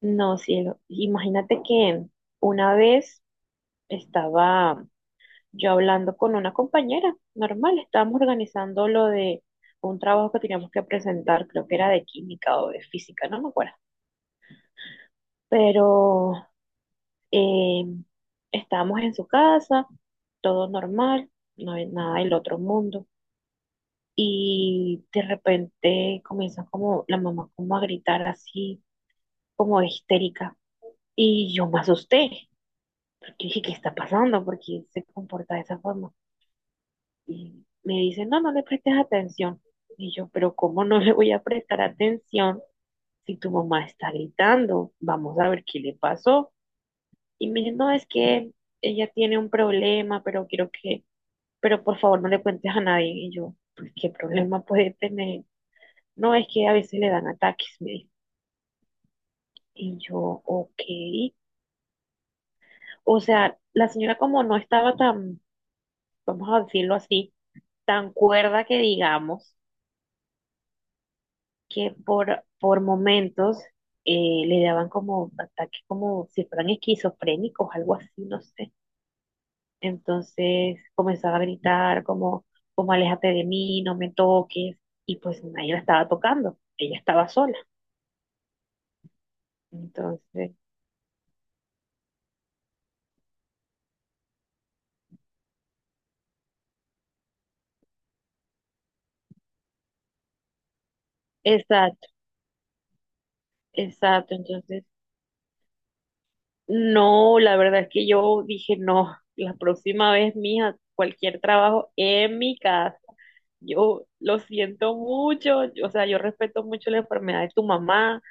No, cielo. Imagínate que una vez estaba yo hablando con una compañera, normal, estábamos organizando lo de un trabajo que teníamos que presentar, creo que era de química o de física, no me acuerdo. Pero eh, estábamos en su casa, todo normal, no hay nada del otro mundo. Y de repente comienza como la mamá como a gritar así, como histérica. Y yo me asusté. Yo dije, ¿qué está pasando? Porque se comporta de esa forma. Y me dice, no, no le prestes atención. Y yo, pero ¿cómo no le voy a prestar atención si tu mamá está gritando? Vamos a ver qué le pasó. Y me dice, no, es que ella tiene un problema, pero quiero que, pero por favor no le cuentes a nadie. Y yo, pues, ¿qué problema puede tener? No, es que a veces le dan ataques, me dijo. Y yo, ok. O sea, la señora como no estaba tan, vamos a decirlo así, tan cuerda que digamos que por momentos le daban como ataques como si fueran esquizofrénicos, algo así, no sé. Entonces comenzaba a gritar como, como aléjate de mí, no me toques, y pues nadie la estaba tocando, ella estaba sola. Entonces, exacto, exacto, entonces, no, la verdad es que yo dije, no, la próxima vez, mija, cualquier trabajo en mi casa. Yo lo siento mucho, o sea, yo respeto mucho la enfermedad de tu mamá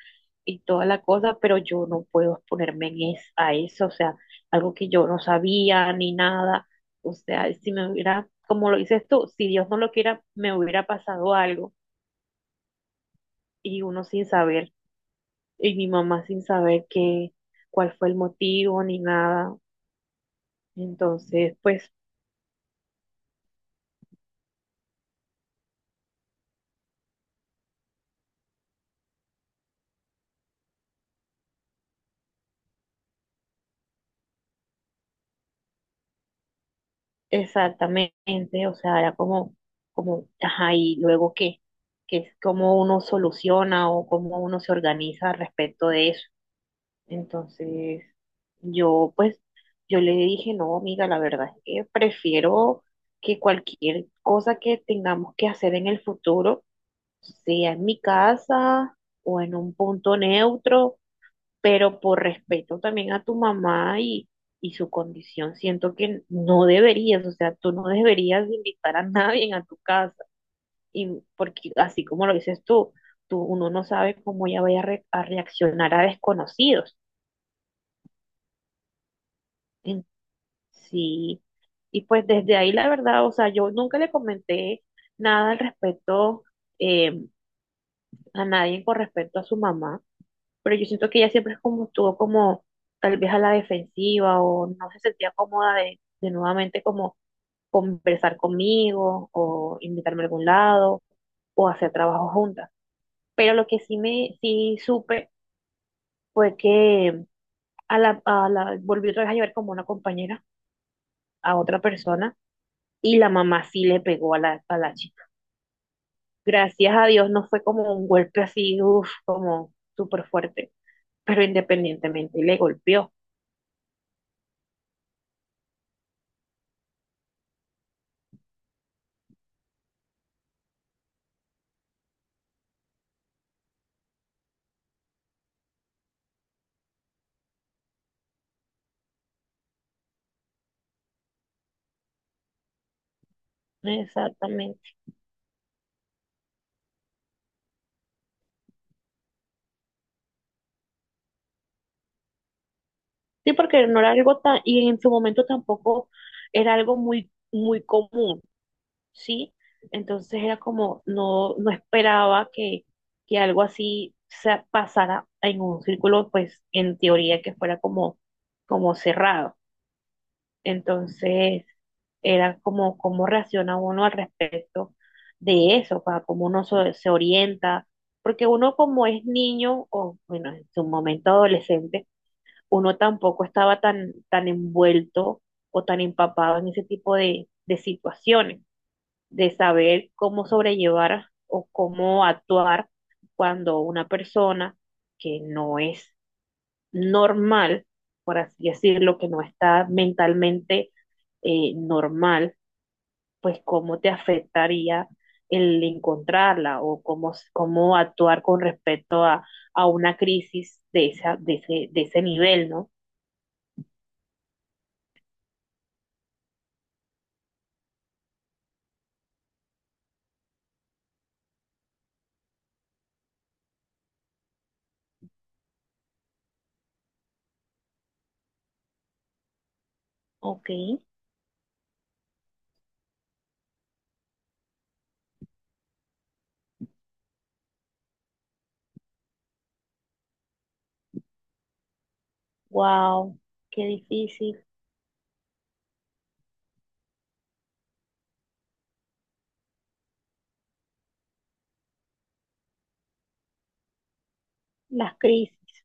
y toda la cosa, pero yo no puedo exponerme en a eso, o sea, algo que yo no sabía ni nada. O sea, si me hubiera, como lo dices tú, si Dios no lo quiera, me hubiera pasado algo y uno sin saber, y mi mamá sin saber qué, cuál fue el motivo ni nada. Entonces, pues exactamente, o sea, era como, como, ajá, y luego qué, que es cómo uno soluciona o cómo uno se organiza respecto de eso. Entonces, yo pues, yo le dije, no, amiga, la verdad es que prefiero que cualquier cosa que tengamos que hacer en el futuro, sea en mi casa o en un punto neutro, pero por respeto también a tu mamá y su condición, siento que no deberías, o sea, tú no deberías invitar a nadie a tu casa, y porque así como lo dices tú, tú uno no sabe cómo ella vaya a, a reaccionar a desconocidos. En- Sí, y pues desde ahí la verdad, o sea, yo nunca le comenté nada al respecto eh, a nadie con respecto a su mamá. Pero yo siento que ella siempre es como estuvo como tal vez a la defensiva o no se sentía cómoda de nuevamente como conversar conmigo o invitarme a algún lado o hacer trabajo juntas. Pero lo que sí me sí supe fue que a la volvió otra vez a llevar como una compañera a otra persona y la mamá sí le pegó a la chica. Gracias a Dios no fue como un golpe así, uff, como súper fuerte, pero independientemente le golpeó. Exactamente. Sí, porque no era algo tan, y en su momento tampoco era algo muy, muy común, ¿sí? Entonces era como, no, no esperaba que algo así se pasara en un círculo, pues en teoría que fuera como, como cerrado. Entonces era como, cómo reacciona uno al respecto de eso, para cómo uno se orienta, porque uno como es niño, o bueno, en su momento adolescente, uno tampoco estaba tan, tan envuelto o tan empapado en ese tipo de situaciones, de saber cómo sobrellevar o cómo actuar cuando una persona que no es normal, por así decirlo, que no está mentalmente normal, pues cómo te afectaría el encontrarla o cómo, cómo actuar con respecto a una crisis de, esa, de ese nivel, ¿no? Ok, wow, qué difícil. Las crisis,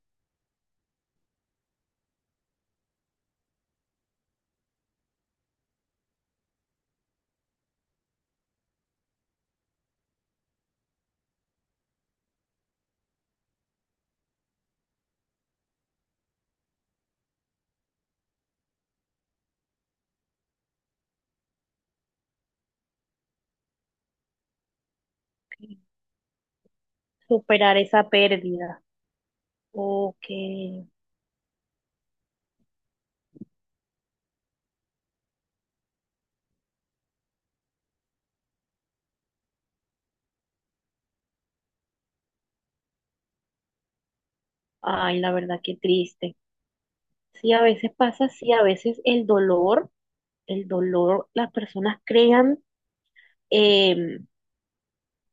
sí, superar esa pérdida. Ok, ay, la verdad, qué triste. Sí, a veces pasa, sí, a veces el dolor, las personas crean, em,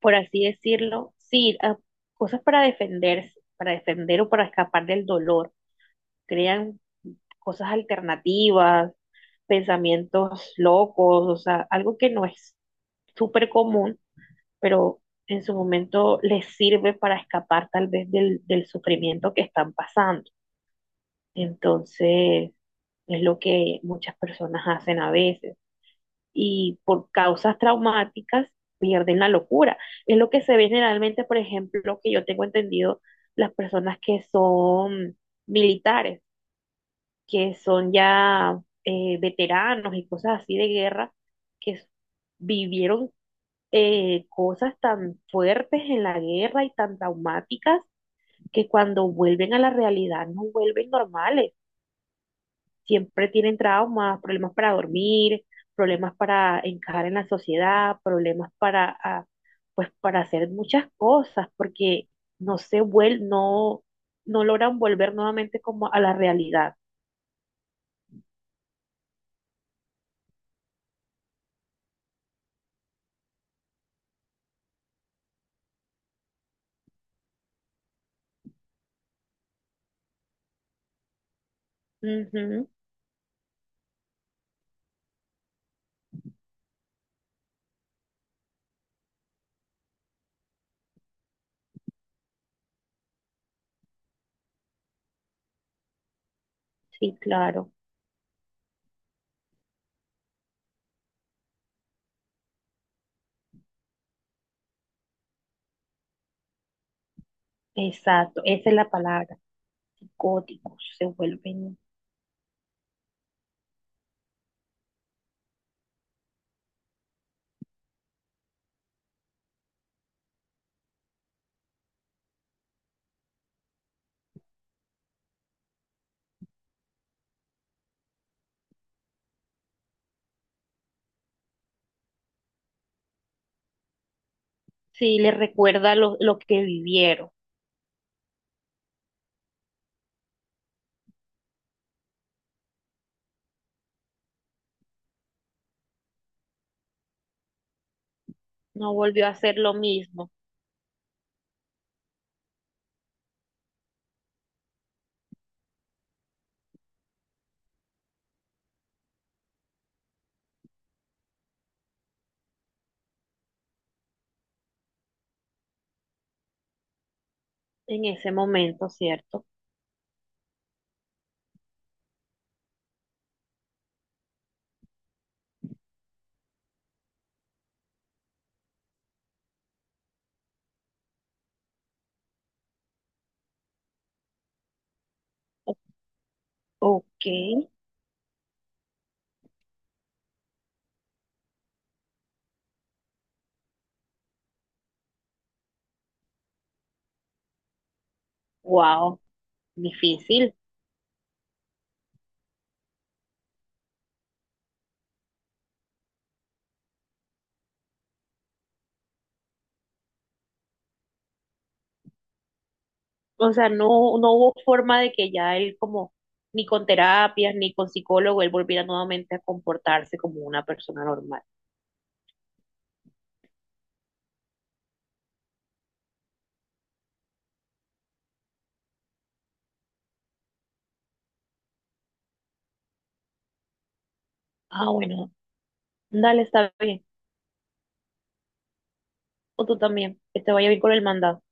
por así decirlo, sí, cosas para defenderse, para defender o para escapar del dolor. Crean cosas alternativas, pensamientos locos, o sea, algo que no es súper común, pero en su momento les sirve para escapar tal vez del, del sufrimiento que están pasando. Entonces, es lo que muchas personas hacen a veces. Y por causas traumáticas pierden la locura. Es lo que se ve generalmente, por ejemplo, que yo tengo entendido, las personas que son militares, que son ya veteranos y cosas así de guerra, que vivieron cosas tan fuertes en la guerra y tan traumáticas que cuando vuelven a la realidad no vuelven normales. Siempre tienen traumas, problemas para dormir, problemas para encajar en la sociedad, problemas para, ah, pues, para hacer muchas cosas, porque no se vuel no, no logran volver nuevamente como a la realidad. Ujú, sí, claro. Exacto, esa es la palabra. Psicóticos se vuelven. Sí, les recuerda lo que vivieron. No volvió a hacer lo mismo en ese momento, ¿cierto? Ok, wow, difícil. O sea, no, no hubo forma de que ya él como, ni con terapias, ni con psicólogo, él volviera nuevamente a comportarse como una persona normal. Ah, bueno, dale, está bien. O tú también. Que te vaya bien con el mandado.